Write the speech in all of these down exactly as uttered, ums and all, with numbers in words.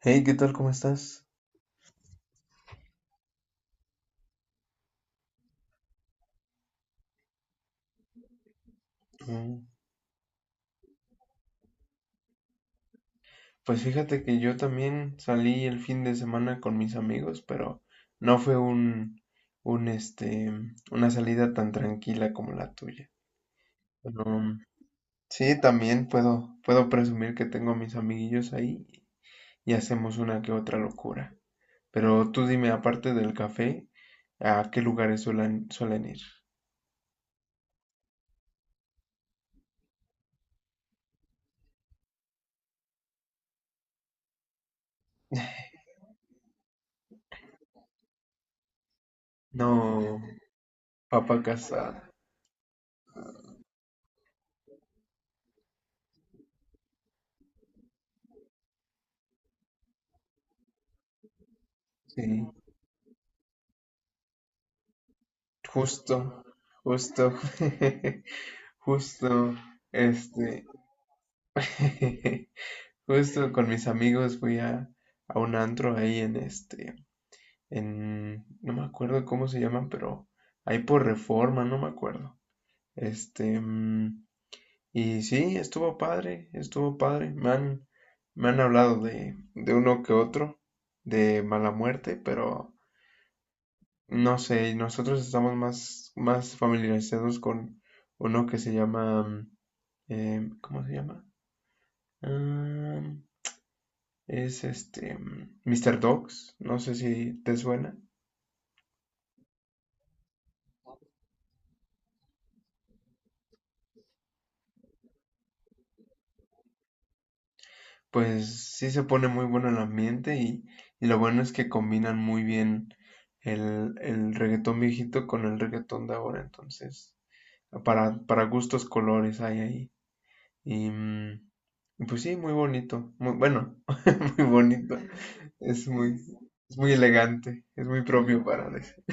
Hey, ¿qué tal? ¿Cómo estás? Mm. Pues fíjate que yo también salí el fin de semana con mis amigos, pero no fue un, un este, una salida tan tranquila como la tuya. Pero, mm, sí, también puedo, puedo presumir que tengo a mis amiguillos ahí y hacemos una que otra locura. Pero tú dime, aparte del café, ¿a qué lugares suelen, suelen ir? No, papa casada. Sí, justo, justo. Justo, este, justo con mis amigos fui a, a un antro ahí en este, en, no me acuerdo cómo se llaman, pero ahí por Reforma, no me acuerdo. Este, mm, y sí, estuvo padre, estuvo padre. Me han, me han hablado de, de uno que otro, de mala muerte, pero no sé, nosotros estamos más, más familiarizados con uno que se llama. Mm, em, ¿cómo se llama? Am, Es este mm, Dogs, no sé si te suena. Pues sí se pone muy bueno el ambiente y, y lo bueno es que combinan muy bien el, el reggaetón viejito con el reggaetón de ahora. Entonces, para, para gustos colores hay ahí. Y mm, y pues sí, muy bonito. Muy, bueno, muy bonito. Es muy, es muy elegante. Es muy propio para decir.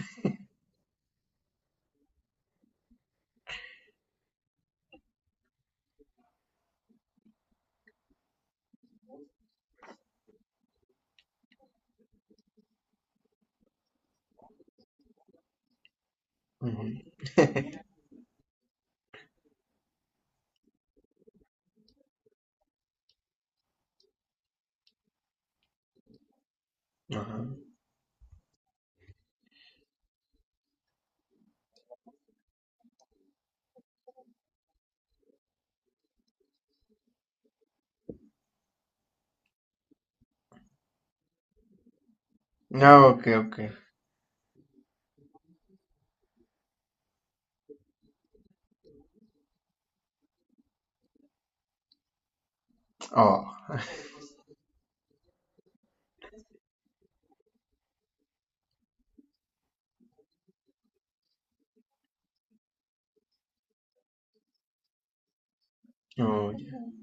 Ujú. Ajá. Ah, ok, ok. Oh, oh, ya.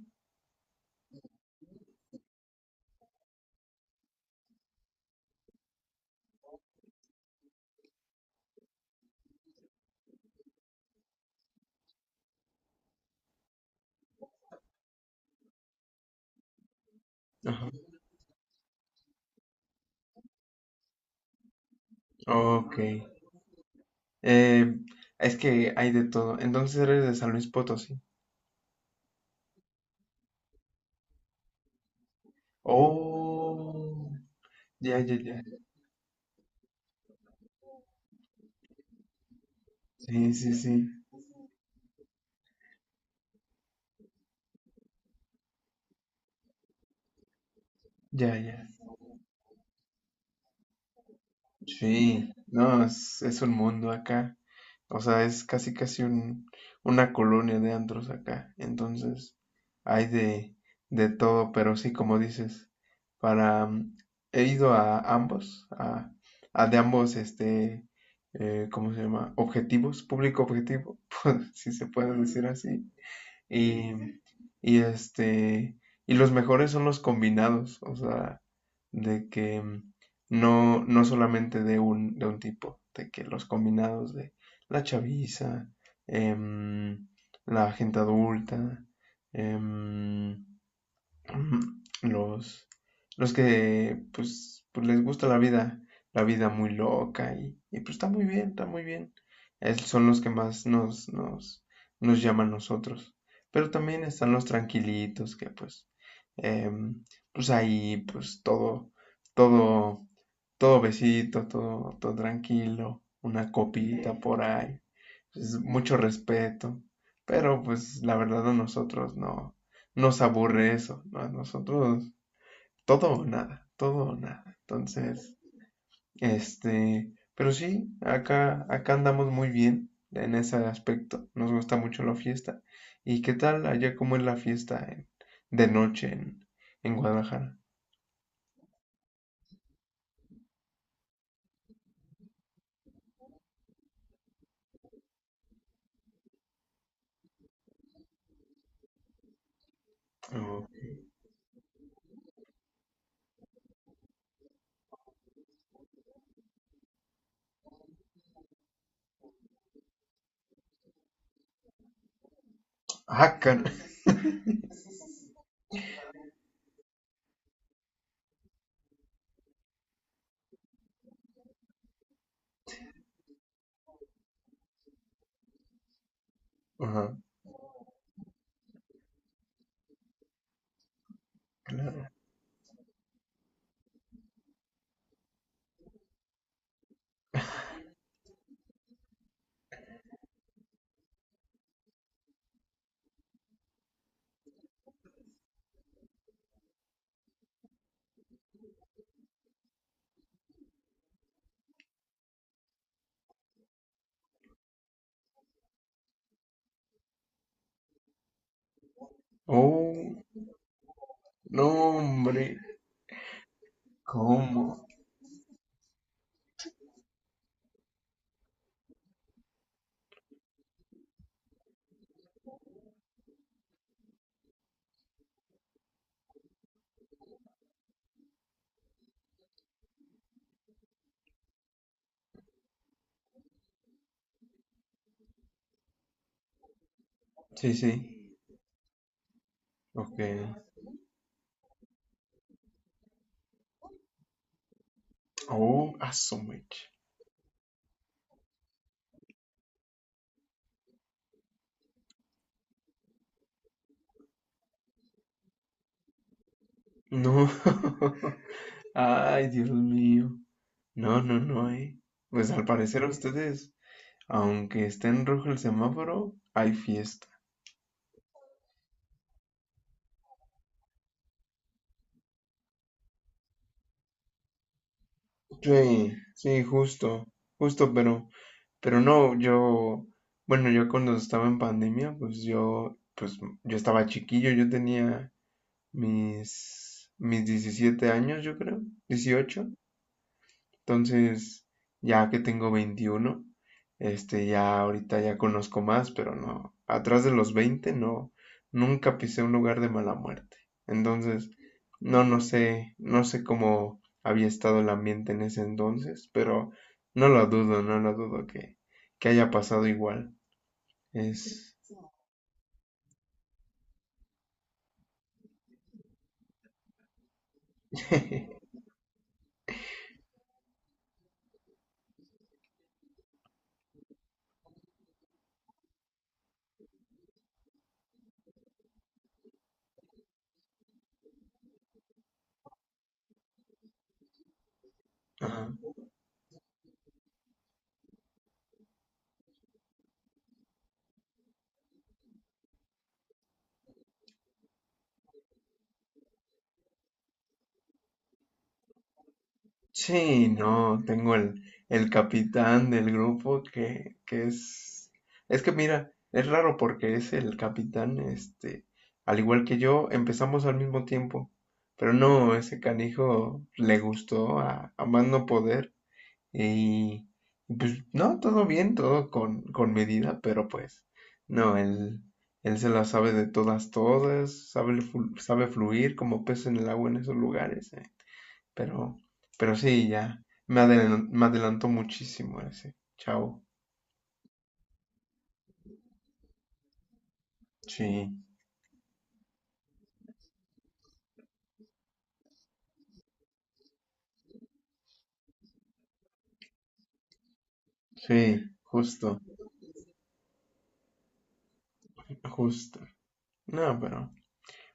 Ajá. Ok. Eh, es que hay de todo. Entonces eres de San Luis Potosí. Oh, ya, ya, ya. Sí, sí, sí. Ya, ya. Sí, no, es, es un mundo acá. O sea, es casi, casi un, una colonia de antros acá. Entonces, hay de, de todo, pero sí, como dices, para... mm, he ido a ambos, a, a de ambos, este, eh, ¿cómo se llama? Objetivos, público objetivo, si se puede decir así. Y, y este, y los mejores son los combinados, o sea, de que mm, no, no solamente de un, de un tipo, de que los combinados de la chaviza, em, la gente adulta. em, Ujú. Los, los que pues, pues les gusta la vida, la vida muy loca y, y, pues está muy bien, está muy bien. Es- son los que más nos, nos, nos llaman a nosotros. Pero también están los tranquilitos que pues, em, pues ahí pues todo, todo, todo besito, todo, todo tranquilo, una copita por ahí pues, mucho respeto. Pero pues la verdad a nosotros no nos aburre eso, ¿no? A nosotros todo o nada, todo o nada. Entonces, este, pero sí, acá, acá andamos muy bien en ese aspecto. Nos gusta mucho la fiesta. ¿Y qué tal allá cómo es la fiesta en- de noche en, en Guadalajara? Oh. Ah, can- Ajá, claro. Oh, no, hombre. ¿Cómo? Sí, sí. Ok. Oh, a su mecha. No. Ay, Dios mío. No, no, no, eh. Pues al parecer a ustedes, aunque esté en rojo el semáforo, hay fiesta. Sí, sí, justo, justo, pero, pero no, yo, bueno, yo cuando estaba en pandemia, pues yo, pues yo estaba chiquillo, yo tenía mis, mis diecisiete años, yo creo, dieciocho. Entonces, ya que tengo veintiuno, este, ya ahorita ya conozco más, pero no, atrás de los veinte no, nunca pisé un lugar de mala muerte. Entonces, no, no sé, no sé cómo había estado el ambiente en ese entonces, pero no lo dudo, no lo dudo que, que haya pasado igual. Es... Ajá. Sí, no, tengo el, el capitán del grupo que, que es... Es que mira, es raro porque es el capitán, este, al igual que yo, empezamos al mismo tiempo, pero no, ese canijo le gustó a, a más no poder y pues no, todo bien, todo con, con medida, pero pues no, él, él se la sabe de todas, todas, sabe, flu- sabe fluir como pez en el agua en esos lugares, ¿eh? Pero, pero sí, ya. Me adelan- me adelantó muchísimo ese. Chao. Sí, sí, justo, justo. No, pero,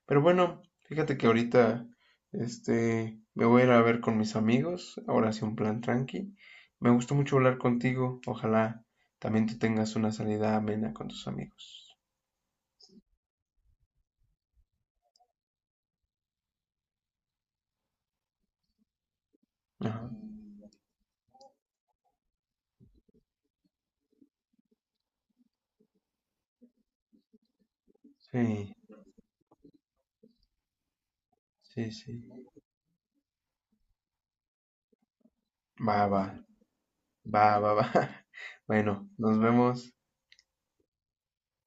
pero bueno, fíjate que ahorita, este, me voy a ir a ver con mis amigos. Ahora sí, un plan tranqui. Me gustó mucho hablar contigo. Ojalá también tú tengas una salida amena con tus amigos. Ajá. Sí, sí, sí. Va, va, va, va, va. Bueno, nos vemos.